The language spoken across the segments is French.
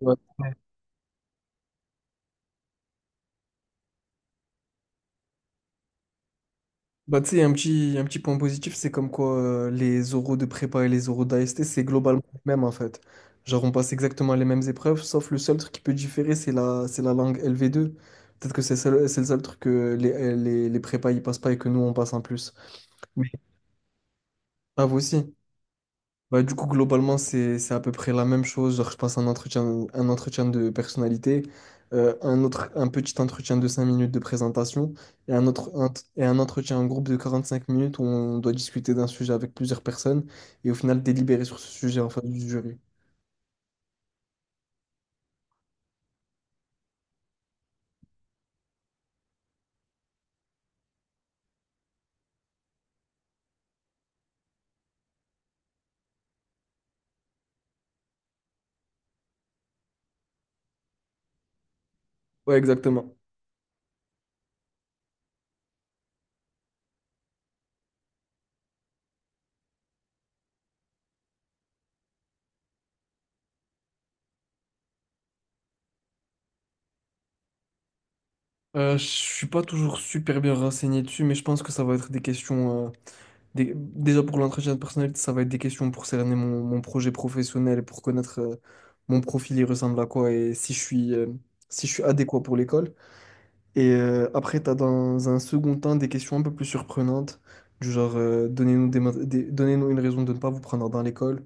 Ouais. Bah, tu sais, un petit point positif, c'est comme quoi les oraux de prépa et les oraux d'AST, c'est globalement le même en fait. Genre, on passe exactement les mêmes épreuves, sauf le seul truc qui peut différer, c'est la langue LV2. Peut-être que c'est le seul truc que les prépas ils passent pas et que nous on passe en plus. Mais ah, vous aussi. Bah, du coup, globalement, c'est à peu près la même chose. Genre, je passe un entretien de personnalité, un autre, un petit entretien de 5 minutes de présentation et un entretien en groupe de 45 minutes où on doit discuter d'un sujet avec plusieurs personnes et au final délibérer sur ce sujet en face du jury. Ouais, exactement. Je suis pas toujours super bien renseigné dessus, mais je pense que ça va être des questions. Déjà pour l'entretien de personnalité, ça va être des questions pour cerner mon projet professionnel et pour connaître mon profil, il ressemble à quoi et si je suis adéquat pour l'école. Et après, tu as dans un second temps des questions un peu plus surprenantes, du genre donnez-nous des, ma- des- donnez-nous une raison de ne pas vous prendre dans l'école.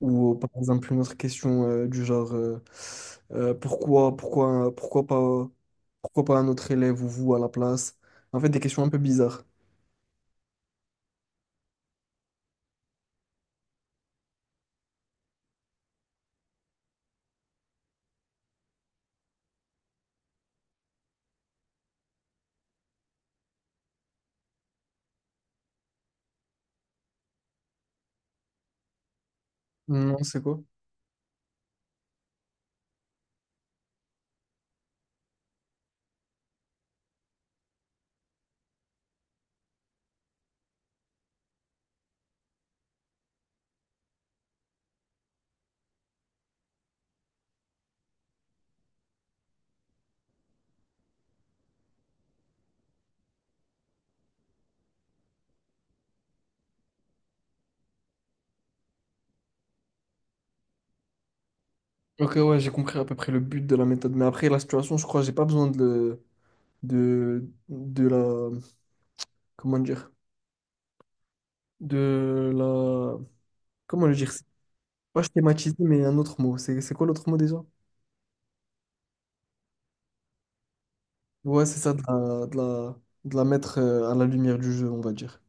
Ou par exemple une autre question du genre euh, pourquoi, pourquoi, pourquoi pas, pourquoi pas un autre élève ou vous à la place. En fait, des questions un peu bizarres. Non, c'est quoi? Ok, ouais, j'ai compris à peu près le but de la méthode. Mais après, la situation, je crois que j'ai pas besoin de la. Comment dire? De la. Comment le dire? C'est pas schématiser, mais un autre mot. C'est quoi l'autre mot déjà? Ouais, c'est ça, de la mettre à la lumière du jeu, on va dire.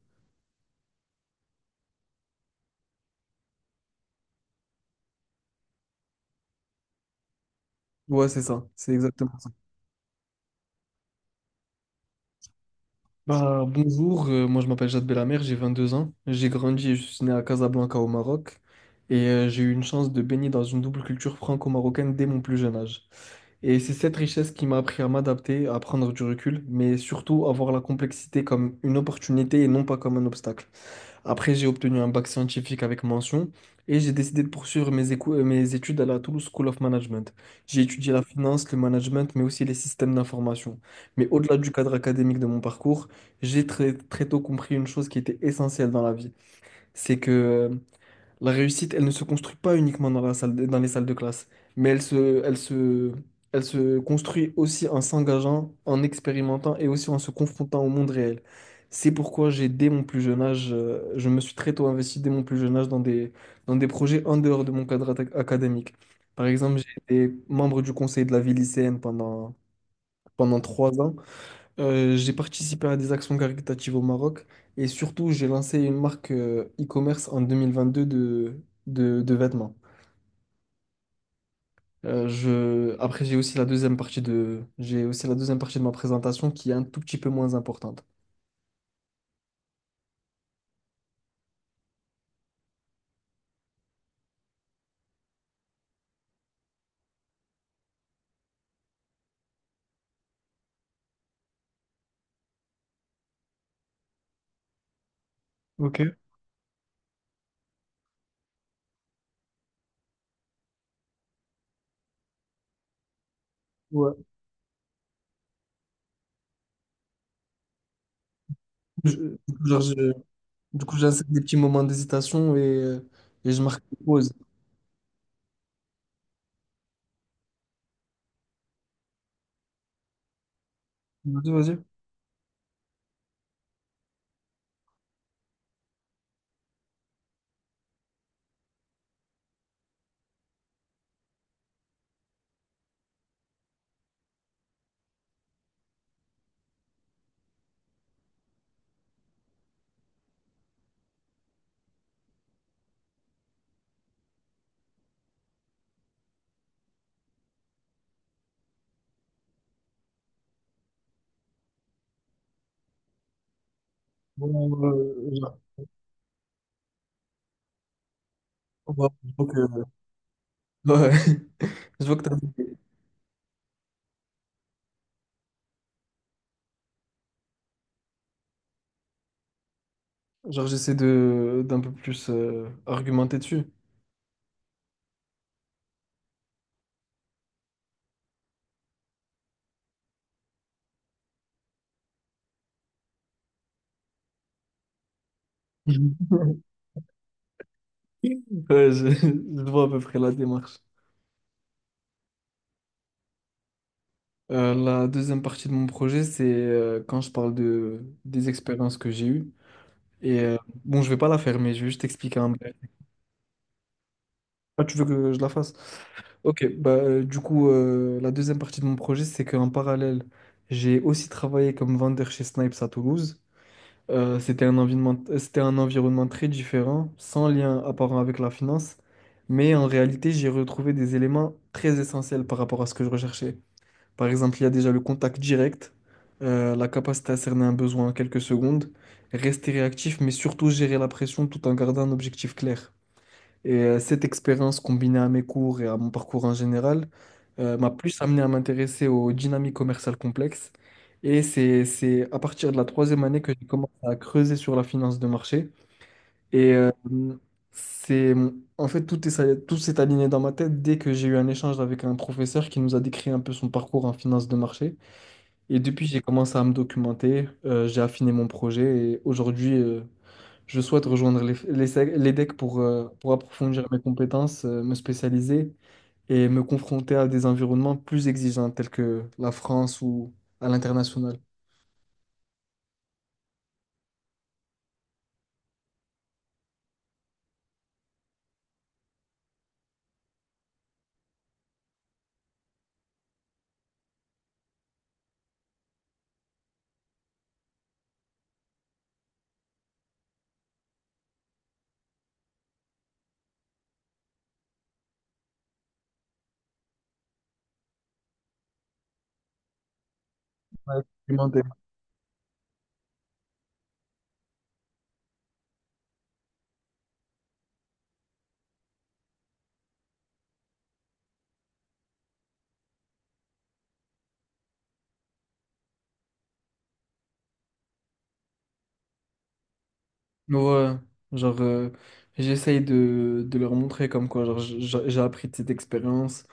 Ouais, c'est ça, c'est exactement ça. Bah, bonjour, moi je m'appelle Jade Belamer, j'ai 22 ans. J'ai grandi et je suis né à Casablanca au Maroc. Et j'ai eu une chance de baigner dans une double culture franco-marocaine dès mon plus jeune âge. Et c'est cette richesse qui m'a appris à m'adapter, à prendre du recul, mais surtout à voir la complexité comme une opportunité et non pas comme un obstacle. Après, j'ai obtenu un bac scientifique avec mention et j'ai décidé de poursuivre mes études à la Toulouse School of Management. J'ai étudié la finance, le management, mais aussi les systèmes d'information. Mais au-delà du cadre académique de mon parcours, j'ai très, très tôt compris une chose qui était essentielle dans la vie, c'est que la réussite, elle ne se construit pas uniquement dans dans les salles de classe, mais elle se, elle se construit aussi en s'engageant, en expérimentant et aussi en se confrontant au monde réel. C'est pourquoi j'ai, dès mon plus jeune âge, je me suis très tôt investi dès mon plus jeune âge dans des projets en dehors de mon cadre académique. Par exemple, j'ai été membre du conseil de la vie lycéenne pendant 3 ans. J'ai participé à des actions caritatives au Maroc et surtout j'ai lancé une marque e-commerce en 2022 de vêtements. Après j'ai aussi la deuxième partie de ma présentation qui est un tout petit peu moins importante. Ok. Ouais. Du coup, genre, du coup, j'insère des petits moments d'hésitation et je marque une pause. Vas-y, vas-y. Bon, genre, ouais, je vois que, ouais, je vois que genre, j'essaie de d'un peu plus argumenter dessus. Ouais, je vois à peu près la démarche. La deuxième partie de mon projet, c'est quand je parle des expériences que j'ai eues. Et bon, je vais pas la faire, mais je vais juste t'expliquer un peu. Ah, tu veux que je la fasse? Ok, bah, du coup, la deuxième partie de mon projet, c'est qu'en parallèle, j'ai aussi travaillé comme vendeur chez Snipes à Toulouse. C'était un environnement, très différent, sans lien apparent avec la finance, mais en réalité, j'ai retrouvé des éléments très essentiels par rapport à ce que je recherchais. Par exemple, il y a déjà le contact direct, la capacité à cerner un besoin en quelques secondes, rester réactif, mais surtout gérer la pression tout en gardant un objectif clair. Et cette expérience combinée à mes cours et à mon parcours en général m'a plus amené à m'intéresser aux dynamiques commerciales complexes. Et c'est à partir de la troisième année que j'ai commencé à creuser sur la finance de marché. Et c'est, en fait, tout s'est aligné dans ma tête dès que j'ai eu un échange avec un professeur qui nous a décrit un peu son parcours en finance de marché. Et depuis, j'ai commencé à me documenter, j'ai affiné mon projet et aujourd'hui, je souhaite rejoindre les decks pour approfondir mes compétences, me spécialiser et me confronter à des environnements plus exigeants tels que la France ou à l'international. Ouais, expérimenter. Ouais, genre, j'essaye de leur montrer comme quoi genre, j'ai appris de cette expérience,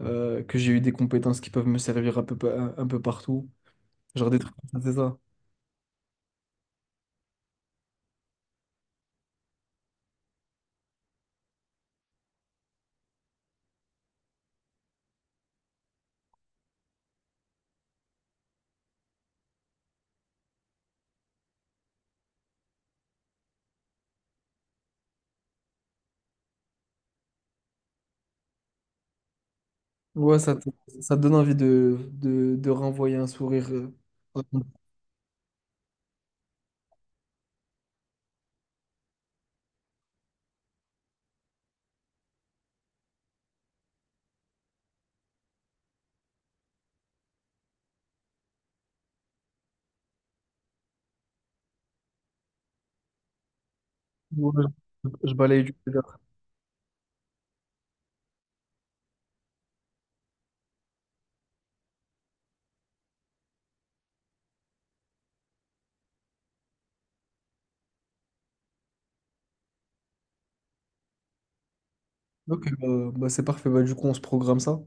que j'ai eu des compétences qui peuvent me servir un peu partout. Genre des trucs comme ça, c'est ça. Ouais, ça te donne envie de renvoyer un sourire. Ouais, je balaye du regard. Ok, c'est parfait. Bah, du coup, on se programme ça.